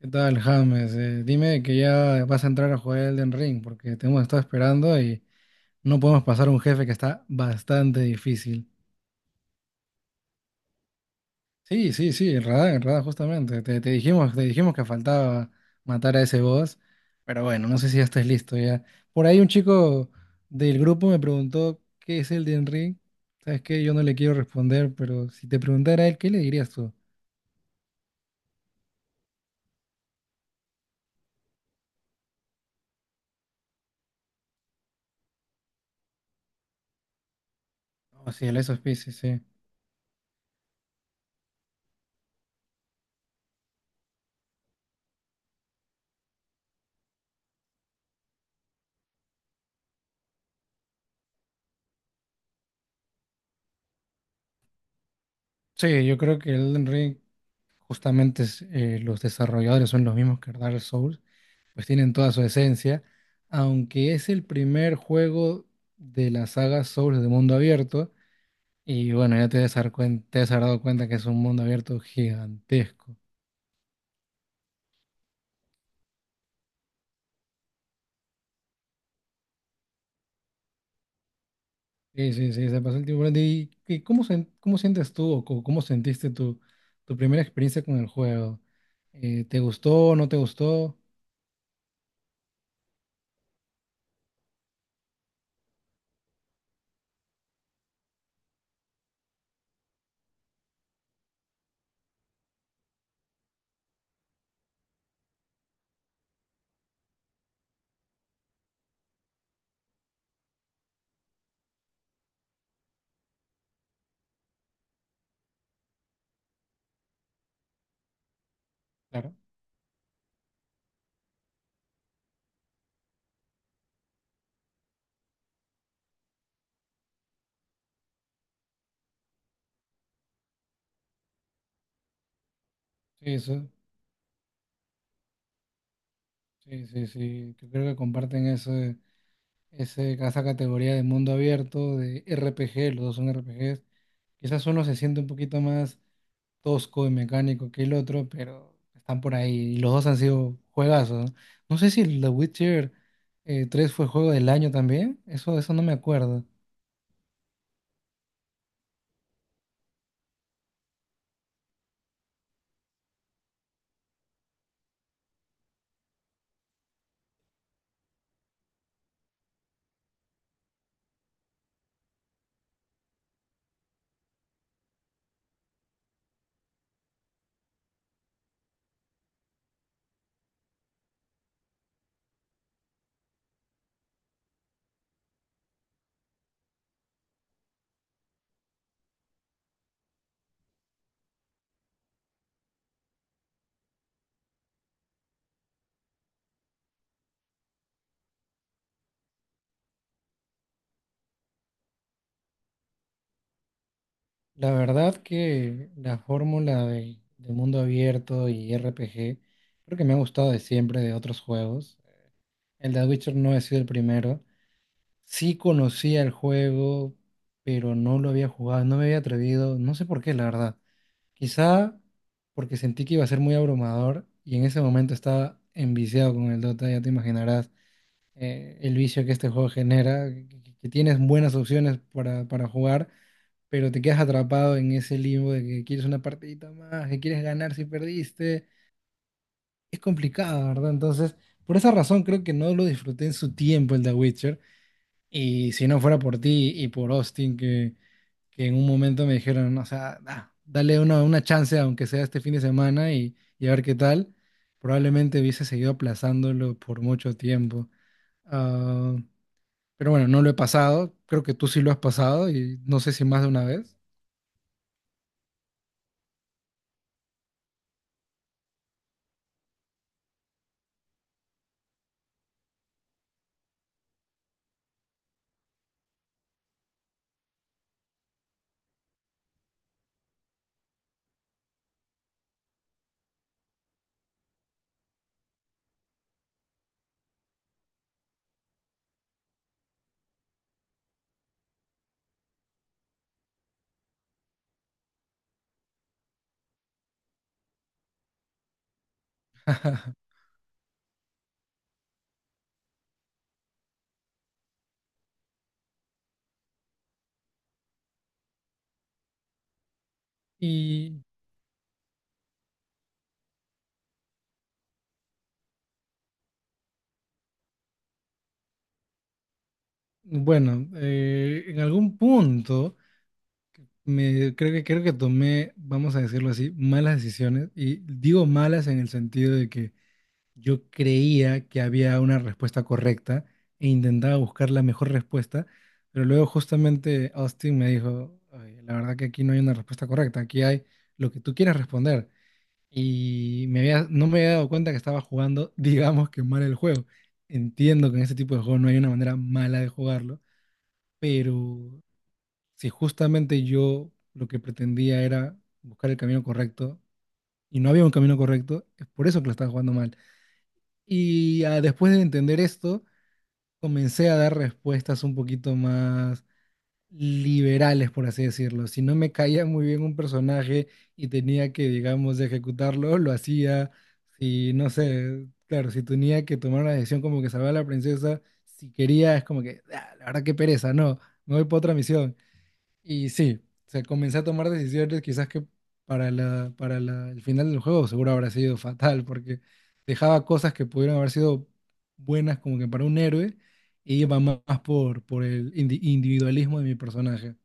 ¿Qué tal, James? Dime que ya vas a entrar a jugar Elden Ring, porque te hemos estado esperando y no podemos pasar un jefe que está bastante difícil. Sí, sí, sí, en Radahn, justamente. Te dijimos, te dijimos que faltaba matar a ese boss, pero bueno, no sé si ya estás listo ya. Por ahí un chico del grupo me preguntó qué es Elden Ring. Sabes que yo no le quiero responder, pero si te preguntara a él, ¿qué le dirías tú? O sea, el esos sí, sí. Sí, yo creo que Elden Ring justamente es, los desarrolladores son los mismos que Dark Souls, pues tienen toda su esencia, aunque es el primer juego de la saga Souls de mundo abierto, y bueno, ya te has dado cuenta que es un mundo abierto gigantesco. Sí, sí, sí, se pasó el tiempo volando. ¿Cómo sientes tú o cómo sentiste tu primera experiencia con el juego? ¿Te gustó no te gustó? Claro, sí, eso, sí, sí, sí, que creo que comparten eso, esa categoría de mundo abierto, de RPG, los dos son RPGs. Quizás uno se siente un poquito más tosco y mecánico que el otro, pero están por ahí. Y los dos han sido juegazos, ¿no? No sé si el The Witcher 3 fue juego del año también. Eso no me acuerdo. La verdad que la fórmula de mundo abierto y RPG creo que me ha gustado de siempre de otros juegos. El The Witcher no ha sido el primero. Sí conocía el juego, pero no lo había jugado, no me había atrevido, no sé por qué, la verdad. Quizá porque sentí que iba a ser muy abrumador y en ese momento estaba enviciado con el Dota, ya te imaginarás el vicio que este juego genera, que tienes buenas opciones para jugar, pero te quedas atrapado en ese limbo de que quieres una partidita más, que quieres ganar si perdiste. Es complicado, ¿verdad? Entonces, por esa razón creo que no lo disfruté en su tiempo el The Witcher. Y si no fuera por ti y por Austin, que en un momento me dijeron, o sea, dale una chance, aunque sea este fin de semana, y a ver qué tal, probablemente hubiese seguido aplazándolo por mucho tiempo. Ah, pero bueno, no lo he pasado, creo que tú sí lo has pasado, y no sé si más de una vez. Y bueno, en algún punto, creo que tomé, vamos a decirlo así, malas decisiones, y digo malas en el sentido de que yo creía que había una respuesta correcta e intentaba buscar la mejor respuesta, pero luego justamente Austin me dijo: "Oye, la verdad que aquí no hay una respuesta correcta, aquí hay lo que tú quieras responder". Y no me había dado cuenta que estaba jugando, digamos que mal el juego. Entiendo que en este tipo de juego no hay una manera mala de jugarlo, pero si justamente yo lo que pretendía era buscar el camino correcto y no había un camino correcto, es por eso que lo estaba jugando mal. Y después de entender esto, comencé a dar respuestas un poquito más liberales, por así decirlo. Si no me caía muy bien un personaje y tenía que, digamos, ejecutarlo, lo hacía. Si, no sé, claro, si tenía que tomar una decisión como que salvar a la princesa, si quería, es como que: "Ah, la verdad que pereza, no, me voy para otra misión". Y sí, se comencé a tomar decisiones quizás que para el final del juego seguro habrá sido fatal, porque dejaba cosas que pudieron haber sido buenas como que para un héroe, y iba más por el individualismo de mi personaje.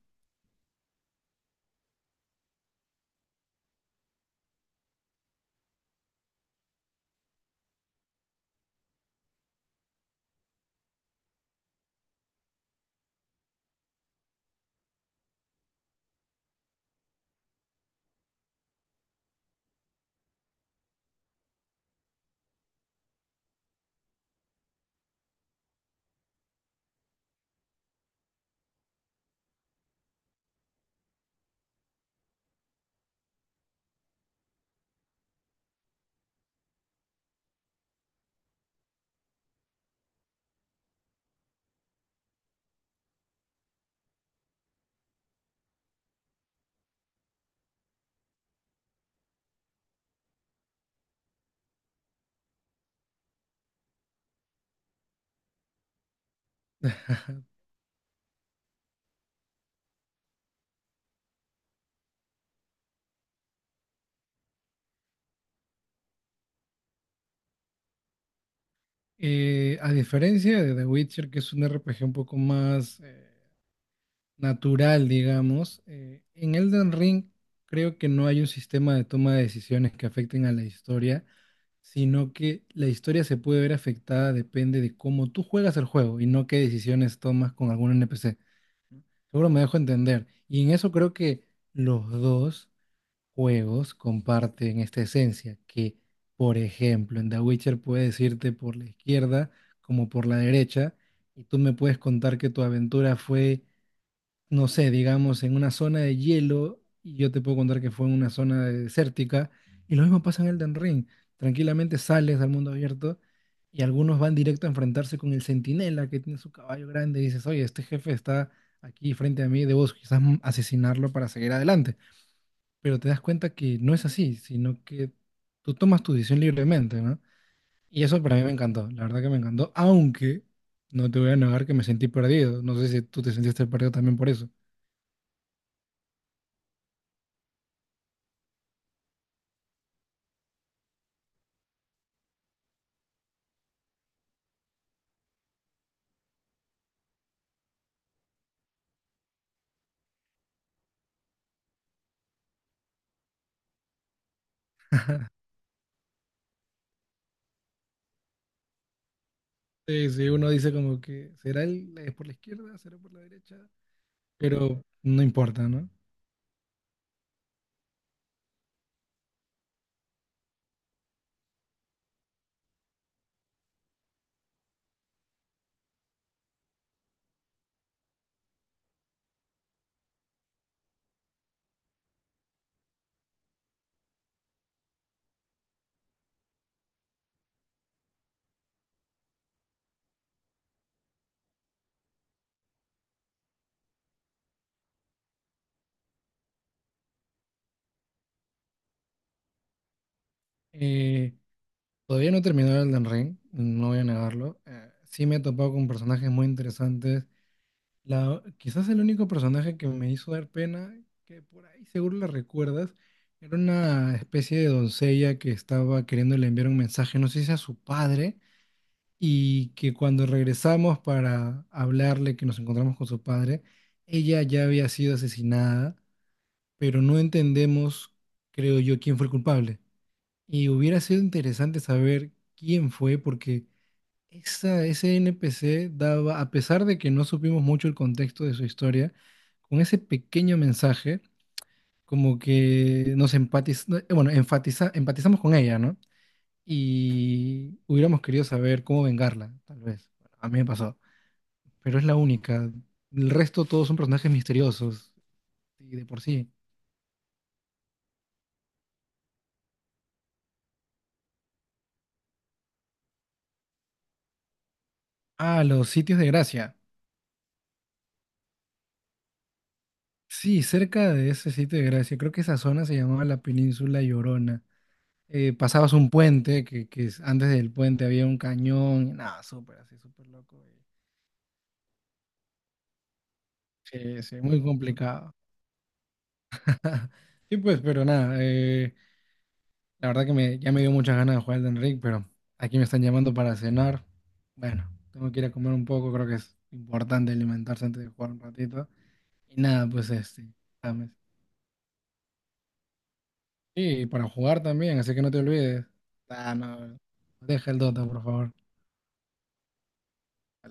A diferencia de The Witcher, que es un RPG un poco más natural, digamos, en Elden Ring creo que no hay un sistema de toma de decisiones que afecten a la historia, sino que la historia se puede ver afectada depende de cómo tú juegas el juego y no qué decisiones tomas con algún NPC. Seguro me dejo entender. Y en eso creo que los dos juegos comparten esta esencia, que por ejemplo en The Witcher puedes irte por la izquierda como por la derecha y tú me puedes contar que tu aventura fue, no sé, digamos, en una zona de hielo, y yo te puedo contar que fue en una zona desértica, y lo mismo pasa en Elden Ring. Tranquilamente sales al mundo abierto y algunos van directo a enfrentarse con el centinela que tiene su caballo grande y dices: "Oye, este jefe está aquí frente a mí, debo quizás asesinarlo para seguir adelante". Pero te das cuenta que no es así, sino que tú tomas tu decisión libremente, ¿no? Y eso para mí me encantó, la verdad que me encantó, aunque no te voy a negar que me sentí perdido. No sé si tú te sentiste perdido también por eso. Sí, sí, uno dice como que es por la izquierda, será por la derecha, pero no importa, ¿no? Eh, Todavía no he terminado el Ring, no voy a negarlo. Sí me he topado con personajes muy interesantes. Quizás el único personaje que me hizo dar pena, que por ahí seguro la recuerdas, era una especie de doncella que estaba queriéndole enviar un mensaje, no sé si a su padre, y que cuando regresamos para hablarle que nos encontramos con su padre, ella ya había sido asesinada, pero no entendemos, creo yo, quién fue el culpable. Y hubiera sido interesante saber quién fue, porque ese NPC daba, a pesar de que no supimos mucho el contexto de su historia, con ese pequeño mensaje, como que nos empatiz, no, bueno, enfatiza, empatizamos con ella, ¿no? Y hubiéramos querido saber cómo vengarla, tal vez. Bueno, a mí me pasó, pero es la única. El resto todos son personajes misteriosos, y de por sí. Ah, los sitios de gracia. Sí, cerca de ese sitio de gracia, creo que esa zona se llamaba la Península Llorona. Pasabas un puente, antes del puente había un cañón, nada, súper así, súper loco. Sí, sí, muy complicado. Sí, pues, pero nada, la verdad que ya me dio muchas ganas de jugar Elden Ring, pero aquí me están llamando para cenar. Bueno, tengo que ir a comer un poco, creo que es importante alimentarse antes de jugar un ratito. Y nada, pues este, nada más. Sí, y para jugar también, así que no te olvides. Ah, no, deja el Dota, por favor.